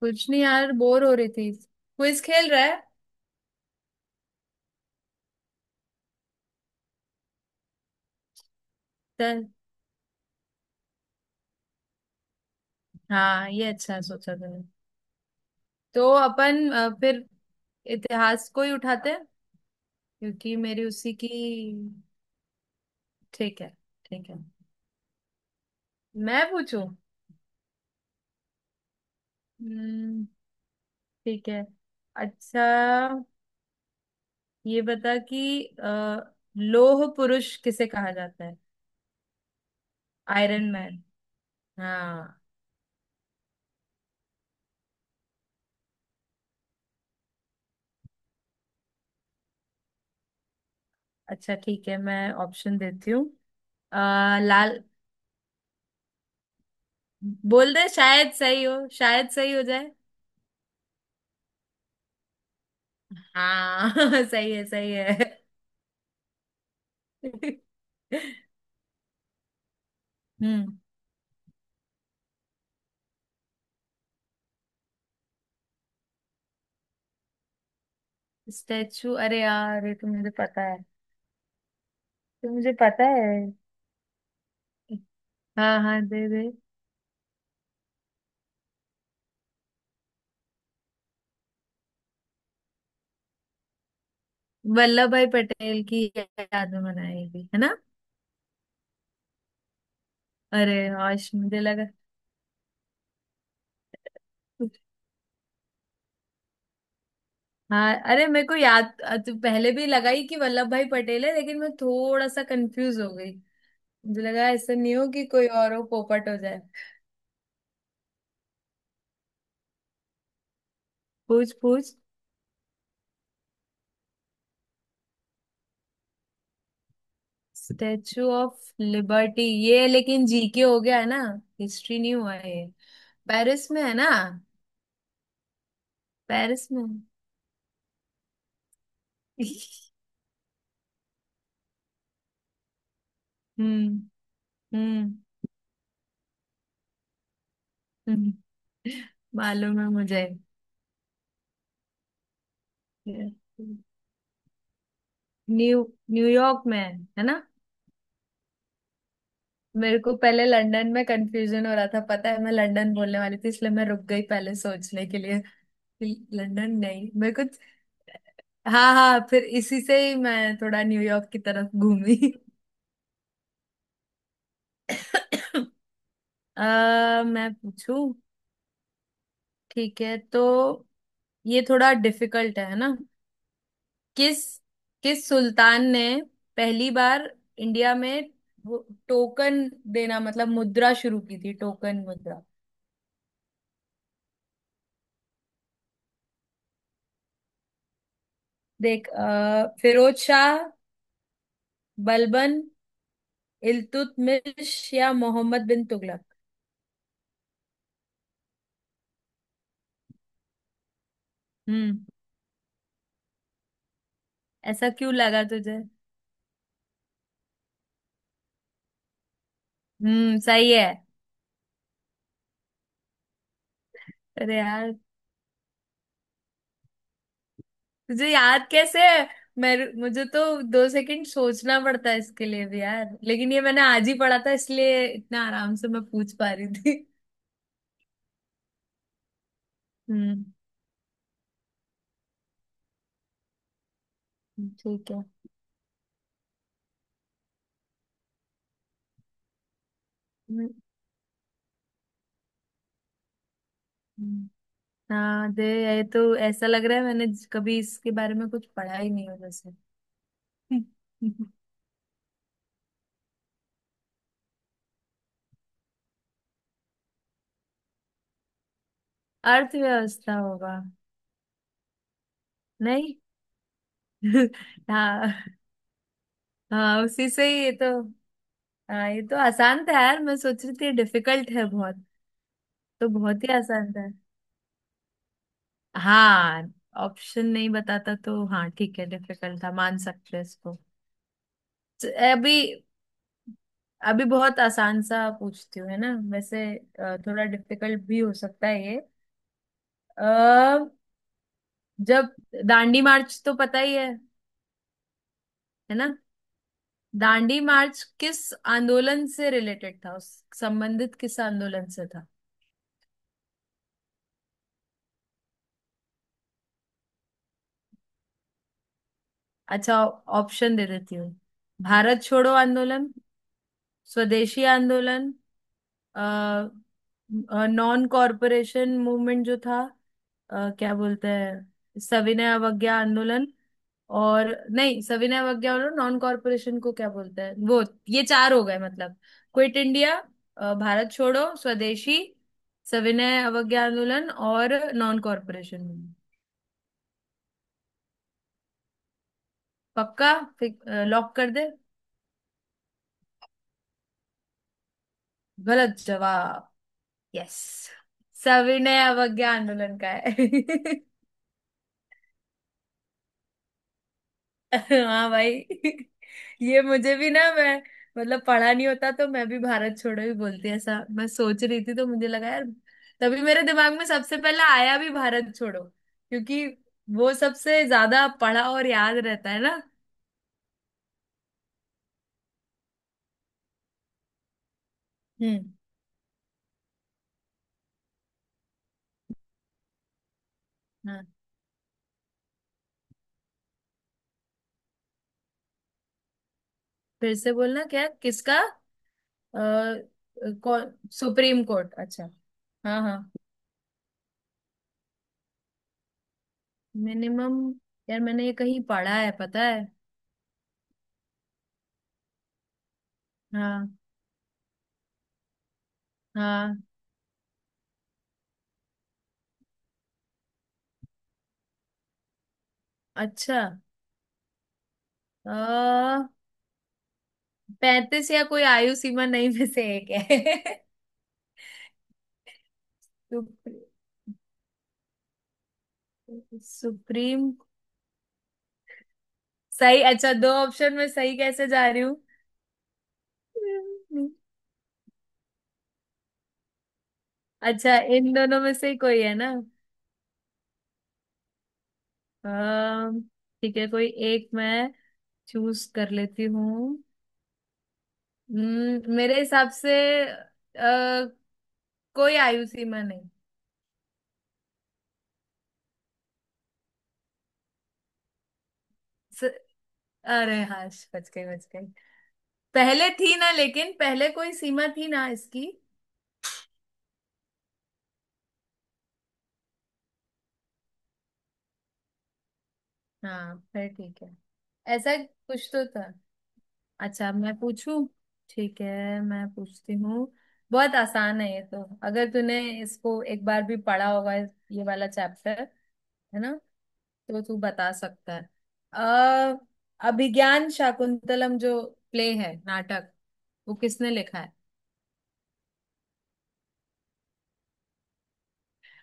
कुछ नहीं यार बोर हो रही थी क्विज खेल रहा है। तो- हाँ ये अच्छा है, सोचा तुमने। तो अपन फिर इतिहास को ही उठाते हैं, क्योंकि मेरी उसी की। ठीक है। ठीक है। मैं पूछूं। हम्म, ठीक है। अच्छा। ये बता कि लौह पुरुष किसे कहा जाता है। Iron Man. हाँ। अच्छा ठीक है, मैं ऑप्शन देती हूँ। अ, लाल। बोल दे शायद सही हो, शायद सही हो जाए। हाँ सही है सही है। हम्म। स्टैचू अरे यार ये तो मुझे पता है। तो मुझे पता है। हाँ हाँ दे दे। वल्लभ भाई पटेल की याद में बनाएगी है ना। अरे हाश मुझे लगा। हाँ अरे मेरे को याद तो पहले भी लगा ही कि वल्लभ भाई पटेल है, लेकिन मैं थोड़ा सा कंफ्यूज हो गई। मुझे लगा ऐसा नहीं हो कि कोई और हो, पोपट हो जाए। पूछ पूछ। स्टेचू ऑफ लिबर्टी ये लेकिन जीके हो गया है ना। हिस्ट्री नहीं हुआ ये। पेरिस में है ना। पेरिस में। हम्म। हम्म। हम्म, मालूम है मुझे। न्यू न्यूयॉर्क में है। है ना। मेरे को पहले लंदन में कंफ्यूजन हो रहा था, पता है मैं लंदन बोलने वाली थी इसलिए मैं रुक गई पहले सोचने के लिए कि लंदन नहीं मेरे को। हाँ हाँ फिर इसी से ही मैं थोड़ा न्यूयॉर्क की तरफ घूमी। मैं पूछू। ठीक है तो ये थोड़ा डिफिकल्ट है ना। किस किस सुल्तान ने पहली बार इंडिया में वो टोकन देना मतलब मुद्रा शुरू की थी, टोकन मुद्रा। देख फिरोज शाह, बलबन, इल्तुतमिश या मोहम्मद बिन तुगलक। हम्म। ऐसा क्यों लगा तुझे। सही है। अरे यार तुझे याद कैसे है। मैं मुझे तो 2 सेकंड सोचना पड़ता है इसके लिए भी यार, लेकिन ये मैंने आज ही पढ़ा था इसलिए इतना आराम से मैं पूछ पा रही थी। हम्म। ठीक है। हम्म, हम्म। हाँ दे। ये तो ऐसा लग रहा है मैंने कभी इसके बारे में कुछ पढ़ा ही नहीं हो जैसे। अर्थव्यवस्था होगा। नहीं। हाँ। हाँ उसी से ही ये तो। हाँ ये तो आसान था यार, मैं सोच रही थी डिफिकल्ट है बहुत। तो बहुत ही आसान था। हाँ, ऑप्शन नहीं बताता तो हाँ ठीक है डिफिकल्ट था, मान सकते हैं इसको। तो अभी अभी बहुत आसान सा पूछती हूँ है ना वैसे। थोड़ा डिफिकल्ट भी हो सकता है ये। अ, जब दांडी मार्च तो पता ही है। है ना। दांडी मार्च किस आंदोलन से रिलेटेड था, उस संबंधित किस आंदोलन से था। अच्छा। ऑप्शन दे देती हूँ। भारत छोड़ो आंदोलन, स्वदेशी आंदोलन, नॉन कॉरपोरेशन मूवमेंट जो था, क्या बोलते हैं सविनय अवज्ञा आंदोलन और नहीं सविनय अवज्ञा और नॉन कॉरपोरेशन को क्या बोलते हैं वो। ये चार हो गए मतलब। Quit India. भारत छोड़ो, स्वदेशी, सविनय अवज्ञा आंदोलन और नॉन कॉरपोरेशन मूवमेंट। पक्का। लॉक कर दे। गलत जवाब। यस सविनय अवज्ञा आंदोलन का है। हाँ भाई। ये मुझे भी ना मैं मतलब पढ़ा नहीं होता तो मैं भी भारत छोड़ो ही बोलती, ऐसा मैं सोच रही थी तो मुझे लगा यार। तभी मेरे दिमाग में सबसे पहला आया भी भारत छोड़ो, क्योंकि वो सबसे ज्यादा पढ़ा और याद रहता है ना। हम्म। हाँ। फिर से बोलना क्या, किसका। कौन। सुप्रीम कोर्ट अच्छा। हाँ हाँ। मिनिमम। यार मैंने ये कहीं पढ़ा है पता है। हाँ हाँ। अच्छा। अ, 35 या कोई आयु सीमा नहीं में से एक है। सुप्रीम। सुप्रीम। सही अच्छा दो ऑप्शन में सही कैसे जा रही हूँ। हम्म। अच्छा इन दोनों में से ही कोई है ना। अम, ठीक है कोई एक मैं चूज कर लेती हूँ। मेरे हिसाब से आ, कोई आयु सीमा नहीं। स, अरे हाँ बच गई बच गई। पहले थी ना, लेकिन पहले कोई सीमा थी ना इसकी। हाँ फिर ठीक है। ऐसा कुछ तो था। अच्छा अब मैं पूछूं। ठीक है मैं पूछती हूँ। बहुत आसान है ये तो। अगर तूने इसको एक बार भी पढ़ा होगा ये वाला चैप्टर। है ना। तो तू बता सकता है। अ अभिज्ञान शाकुंतलम जो प्ले है नाटक वो किसने लिखा है।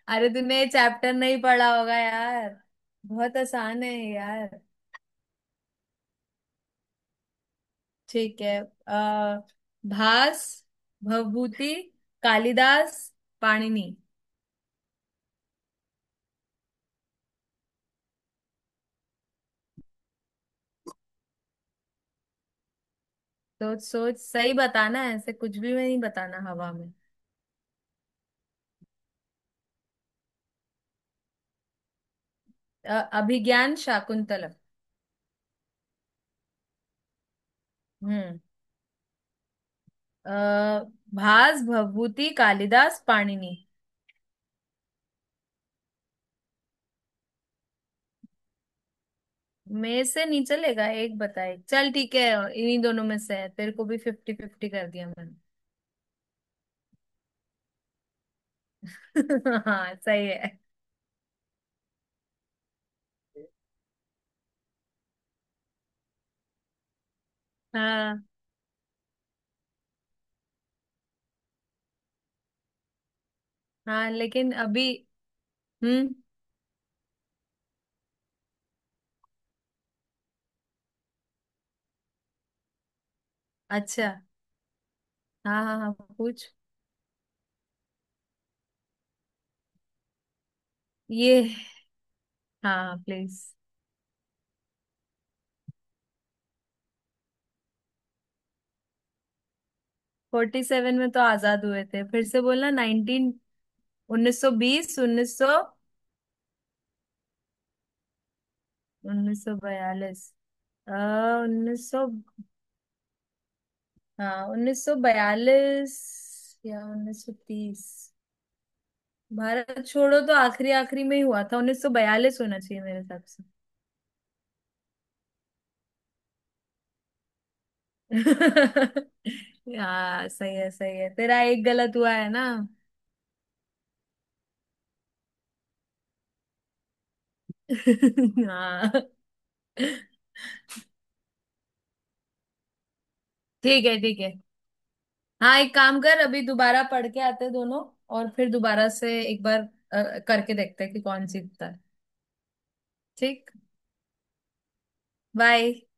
अरे तूने ये चैप्टर नहीं पढ़ा होगा यार। बहुत आसान है ये यार। ठीक है। आ, भास, भवभूति, कालिदास, पाणिनि। तो सोच सही बताना है, ऐसे कुछ भी मैं नहीं बताना हवा में। अ, अभिज्ञान शाकुंतलम। हम्म। आ, भास भवभूति कालिदास पाणिनि में से नहीं चलेगा एक बताए चल ठीक है। इन्हीं दोनों में से है, तेरे को भी फिफ्टी फिफ्टी कर दिया मैंने। हाँ सही है। हाँ हाँ लेकिन अभी। हम्म। अच्छा। हाँ हाँ हाँ पूछ। ये हाँ प्लीज। 47 में तो आजाद हुए थे, फिर से बोलना नाइनटीन। 1920 1942। उन्नीस सौ हाँ 1942 या 1930। भारत छोड़ो तो आखिरी आखिरी में ही हुआ था 1942 होना चाहिए मेरे हिसाब से। हाँ सही है सही है, तेरा एक गलत हुआ है ना। हाँ ठीक है ठीक है। हाँ एक काम कर अभी दोबारा पढ़ के आते हैं दोनों और फिर दोबारा से एक बार करके देखते हैं कि कौन जीतता है। ठीक। बाय।